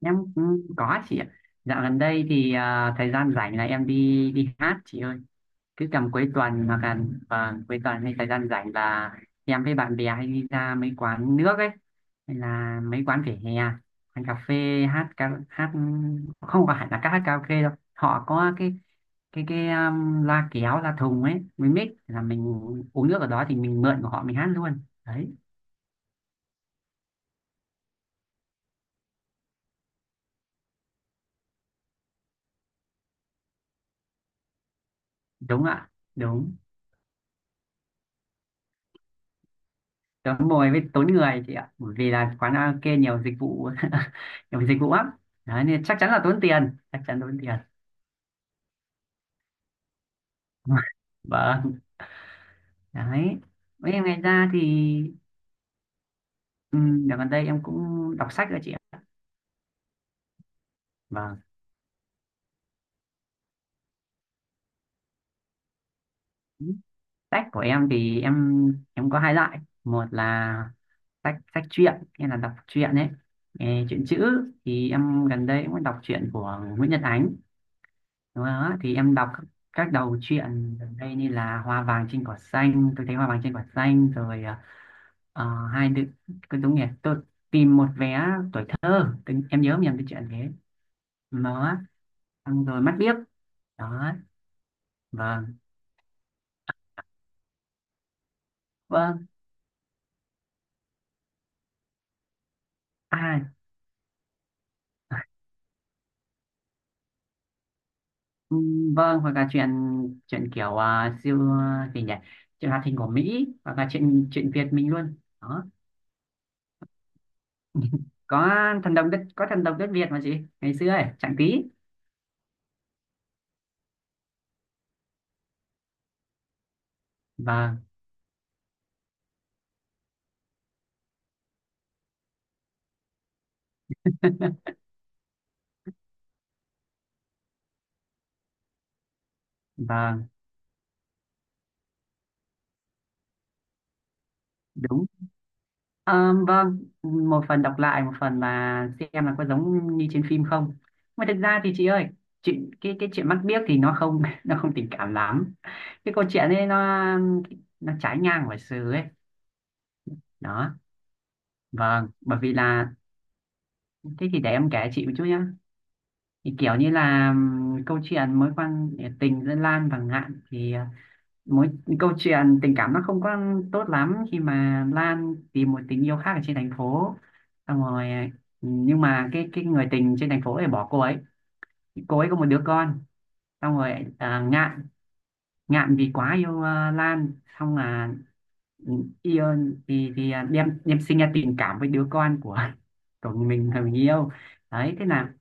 Em cũng có chị ạ. Dạo gần đây thì thời gian rảnh là em đi đi hát chị ơi. Cứ tầm cuối tuần hoặc là vâng, cuối tuần hay thời gian rảnh là em với bạn bè hay đi ra mấy quán nước ấy, hay là mấy quán vỉa hè, quán cà phê hát hát. Không phải là các hát karaoke đâu, họ có cái loa kéo loa thùng ấy, mình mix là mình uống nước ở đó thì mình mượn của họ mình hát luôn đấy. Đúng ạ, đúng. Tớ ngồi với tốn người chị ạ, bởi vì là quán karaoke nhiều dịch vụ, nhiều dịch vụ lắm đấy, nên chắc chắn là tốn tiền, chắc chắn tốn tiền. Vâng, đấy. Với em ngoài ra thì ừ, dạo gần đây em cũng đọc sách rồi chị ạ. Vâng, sách của em thì em có hai loại. Một là sách sách truyện, em là đọc truyện ấy. Ê, truyện chữ thì em gần đây cũng đọc truyện của Nguyễn Nhật Ánh. Đúng rồi đó. Thì em đọc các đầu truyện gần đây như là Hoa vàng trên cỏ xanh, tôi thấy Hoa vàng trên cỏ xanh rồi, hai đứa, cái đúng nhỉ, tôi tìm một vé tuổi thơ, em nhớ nhầm cái chuyện thế. Đó, xong rồi mắt biếc. Đó, vâng. Vâng. À, ừ. Vâng, hoặc là chuyện chuyện kiểu siêu gì nhỉ? Chuyện hoạt hình của Mỹ hoặc là chuyện chuyện Việt mình luôn. Đó. Có thần đồng đất, có thần đồng đất Việt mà chị, ngày xưa ấy, chẳng tí. Vâng. Vâng. Đúng. Ờ, vâng, một phần đọc lại, một phần là xem là có giống như trên phim không. Mà thực ra thì chị ơi, chuyện cái chuyện mắt biếc thì nó không, nó không tình cảm lắm. Cái câu chuyện ấy nó trái ngang với sự ấy. Đó, vâng, bởi vì là thế. Thì để em kể chị một chút nhá. Thì kiểu như là câu chuyện mối quan tình giữa Lan và Ngạn thì mối câu chuyện tình cảm nó không có tốt lắm, khi mà Lan tìm một tình yêu khác ở trên thành phố. Xong rồi nhưng mà cái người tình trên thành phố này bỏ cô ấy, cô ấy có một đứa con. Xong rồi Ngạn Ngạn vì quá yêu Lan, xong là yêu thì đem đem sinh ra tình cảm với đứa con của, của mình, thằng mình yêu. Đấy, thế là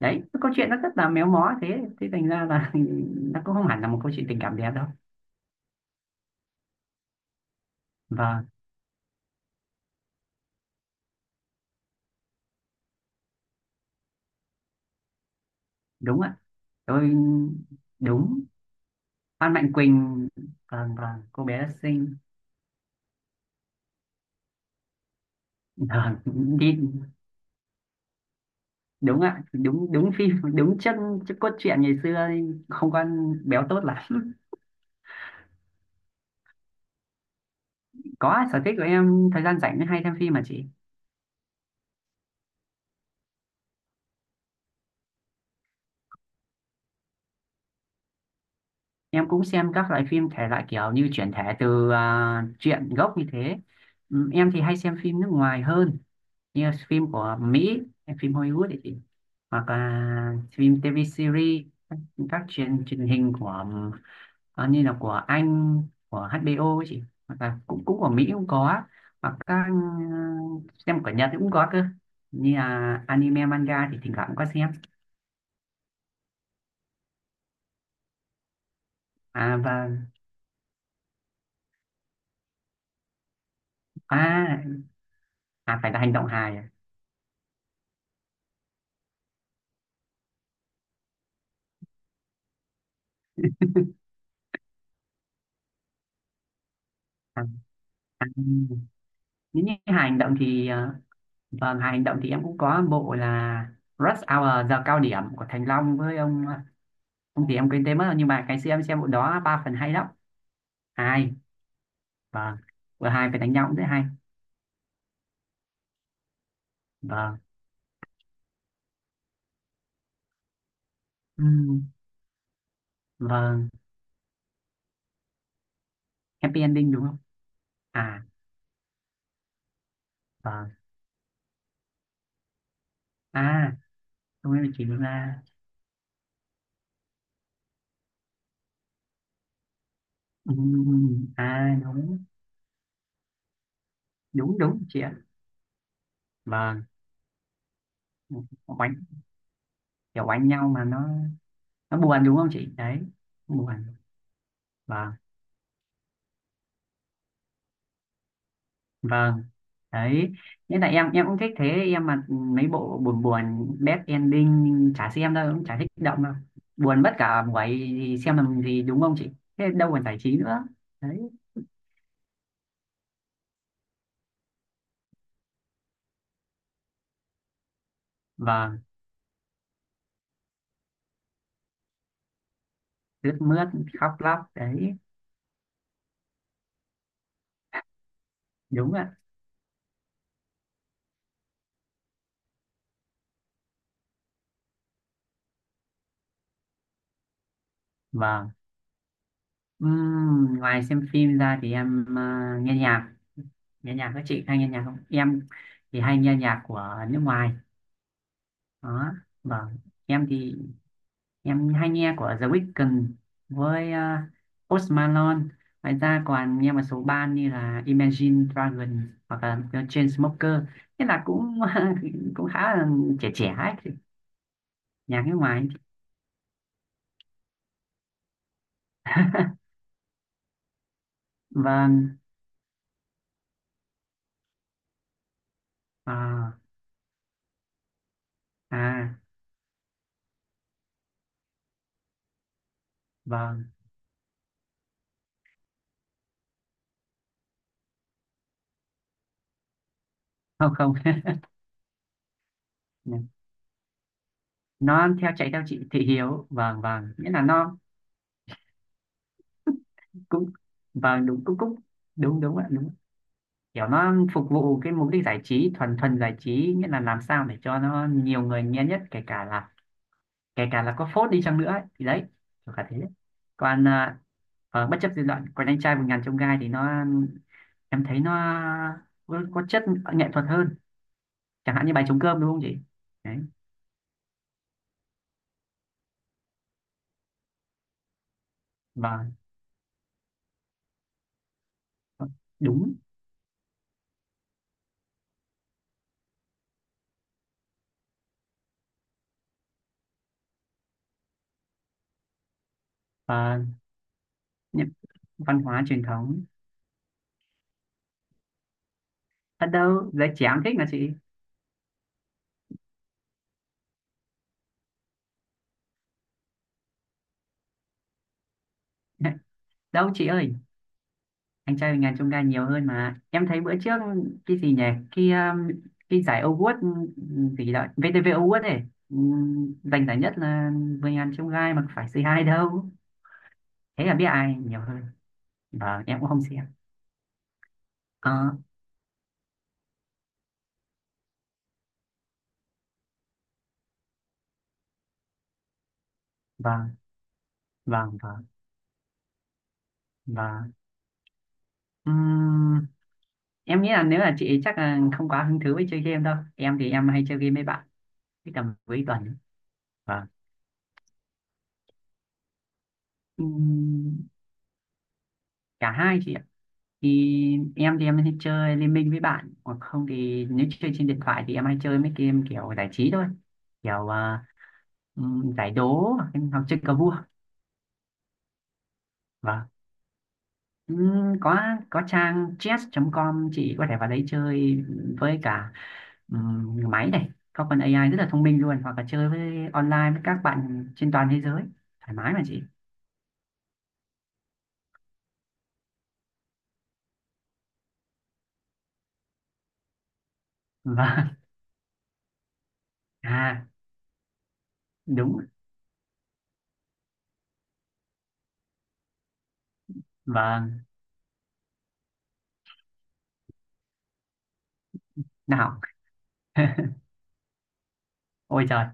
đấy, cái câu chuyện nó rất là méo mó, thế thế thành ra là nó cũng không hẳn là một câu chuyện tình cảm đẹp đâu. Vâng, đúng ạ. Tôi đúng. Phan Mạnh Quỳnh. Vâng vâng, cô bé xinh. Vâng, đi, đúng ạ, đúng đúng, phim đúng chân chất cốt truyện ngày xưa, không con béo tốt lắm. Có, sở thích của em thời gian rảnh hay xem phim mà chị. Em cũng xem các loại phim thể loại kiểu như chuyển thể từ truyện gốc như thế. Ừ, em thì hay xem phim nước ngoài hơn, như phim của Mỹ, phim Hollywood ấy chị, hoặc là phim TV series, các truyền truyền hình của ờ, như là của Anh, của HBO ấy chị, hoặc là cũng cũng của Mỹ cũng có, hoặc các xem của Nhật cũng có cơ, như là anime manga thì thỉnh thoảng cũng có xem. À và à, à phải là hành động hài à, à, à. Nếu như hài hành động thì vâng, hài hành động thì em cũng có bộ là Rush Hour, giờ cao điểm của Thành Long với ông ông thì em quên tên mất rồi, nhưng mà cái xem em xem bộ đó ba phần hay lắm. Hay, vâng, vừa hai phải đánh nhau cũng rất hay. Vâng. Ừ, vâng, happy ending đúng không? À, vâng. À, không biết chị Luna. Ừ, à, đúng, đúng, đúng chị ạ. Vâng, oánh, kiểu oánh nhau mà nó buồn đúng không chị? Đấy, buồn. Vâng, vâng, đấy. Nên là em cũng thích thế, em mà mấy bộ buồn buồn, bad ending chả xem đâu, cũng chả thích động đâu. Buồn mất cả buổi thì xem làm gì đúng không chị? Thế đâu còn giải trí nữa. Đấy, vâng, ướt mướt, khóc lóc, đấy, đúng ạ. Vâng. Ngoài xem phim ra thì em nghe nhạc. Nghe nhạc, các chị hay nghe nhạc không, em thì hay nghe nhạc của nước ngoài. Đó, vâng, em thì em hay nghe của The Weeknd với Post Malone, ngoài ra còn nghe một số band như là Imagine Dragons hoặc là The Chainsmokers. Thế là cũng cũng khá là trẻ trẻ ấy, nhạc nước ngoài. Vâng. À, à, vâng. Không không. Nó theo chạy theo chị thị hiếu, vâng vâng, nghĩa là nó cũng vâng, đúng, cũng cũng đúng, đúng ạ, đúng. Kiểu nó phục vụ cái mục đích giải trí, thuần thuần giải trí, nghĩa là làm sao để cho nó nhiều người nghe nhất, kể cả là có phốt đi chăng nữa ấy. Thì đấy, kiểu cả thế. Còn bất chấp dư luận, còn anh trai vượt ngàn chông gai thì nó, em thấy nó có chất nghệ thuật hơn. Chẳng hạn như bài trống cơm đúng không chị. Đấy, và đúng, và những văn hóa truyền thống. Ở đâu giới trẻ cũng thích mà chị. Đâu chị ơi, anh trai mình ngàn chông gai nhiều hơn mà. Em thấy bữa trước, cái gì nhỉ? Cái um, cái giải Award gì đó, VTV Award ấy, giành giải nhất là 10 ngàn chông gai mà phải c hai đâu. Thế là biết ai nhiều hơn. Vâng, em cũng không xem. Ờ, vâng, vâng, vâng, vâng. Ừm, em nghĩ là nếu là chị chắc là không quá hứng thú với chơi game đâu. Em thì em hay chơi game với bạn, cái tầm cuối tuần. Vâng. Ừm, cả hai chị ạ. Thì em thì em hay chơi liên minh với bạn, hoặc không thì nếu chơi trên điện thoại thì em hay chơi mấy game kiểu giải trí thôi, kiểu giải đố hoặc hoặc chơi cờ vua. Vâng. Ừm, có có trang chess.com, chị có thể vào đấy chơi. Với cả máy này có phần AI rất là thông minh luôn, hoặc là chơi với online với các bạn trên toàn thế giới thoải mái mà chị. Vâng. À, đúng, vâng. Nào. Ôi trời,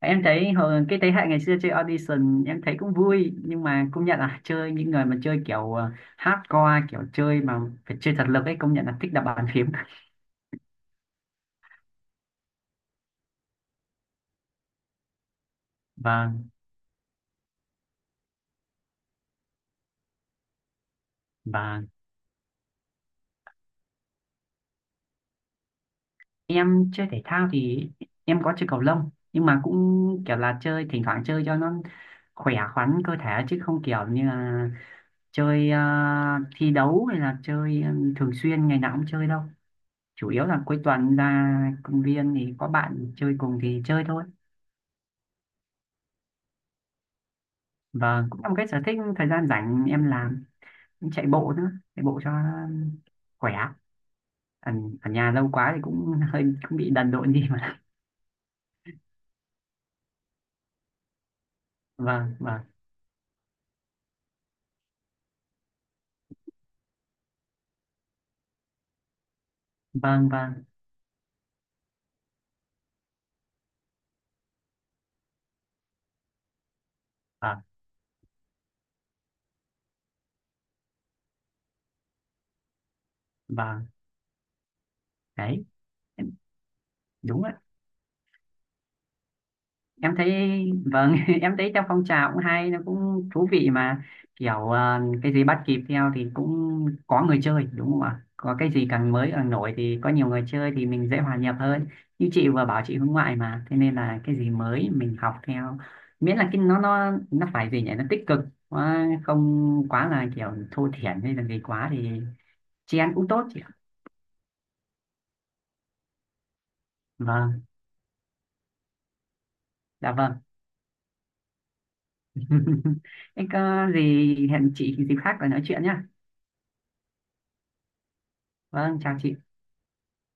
em thấy hồi cái thế hệ ngày xưa chơi audition em thấy cũng vui, nhưng mà công nhận là chơi những người mà chơi kiểu hardcore, kiểu chơi mà phải chơi thật lực ấy, công nhận là thích đập bàn phím. Và và em chơi thể thao thì em có chơi cầu lông, nhưng mà cũng kiểu là chơi, thỉnh thoảng chơi cho nó khỏe khoắn cơ thể, chứ không kiểu như là chơi thi đấu hay là chơi thường xuyên ngày nào cũng chơi đâu. Chủ yếu là cuối tuần ra công viên thì có bạn chơi cùng thì chơi thôi. Vâng, cũng là một cái sở thích thời gian rảnh em làm, em chạy bộ nữa, chạy bộ cho khỏe. Ở, ở nhà lâu quá thì cũng hơi cũng bị đần độn đi mà. Vâng, vâng, vâng, vâng, vâng, vâng, đấy, đúng rồi. Em thấy vâng. Em thấy trong phong trào cũng hay, nó cũng thú vị mà, kiểu cái gì bắt kịp theo thì cũng có người chơi đúng không ạ, có cái gì càng mới càng nổi thì có nhiều người chơi thì mình dễ hòa nhập hơn. Như chị vừa bảo chị hướng ngoại mà, thế nên là cái gì mới mình học theo, miễn là cái nó nó phải gì nhỉ, nó tích cực, quá không quá là kiểu thô thiển hay là gì quá thì chị ăn cũng tốt chị ạ. Vâng, dạ vâng. Em có gì hẹn chị dịp khác để nói chuyện nhá. Vâng, chào chị.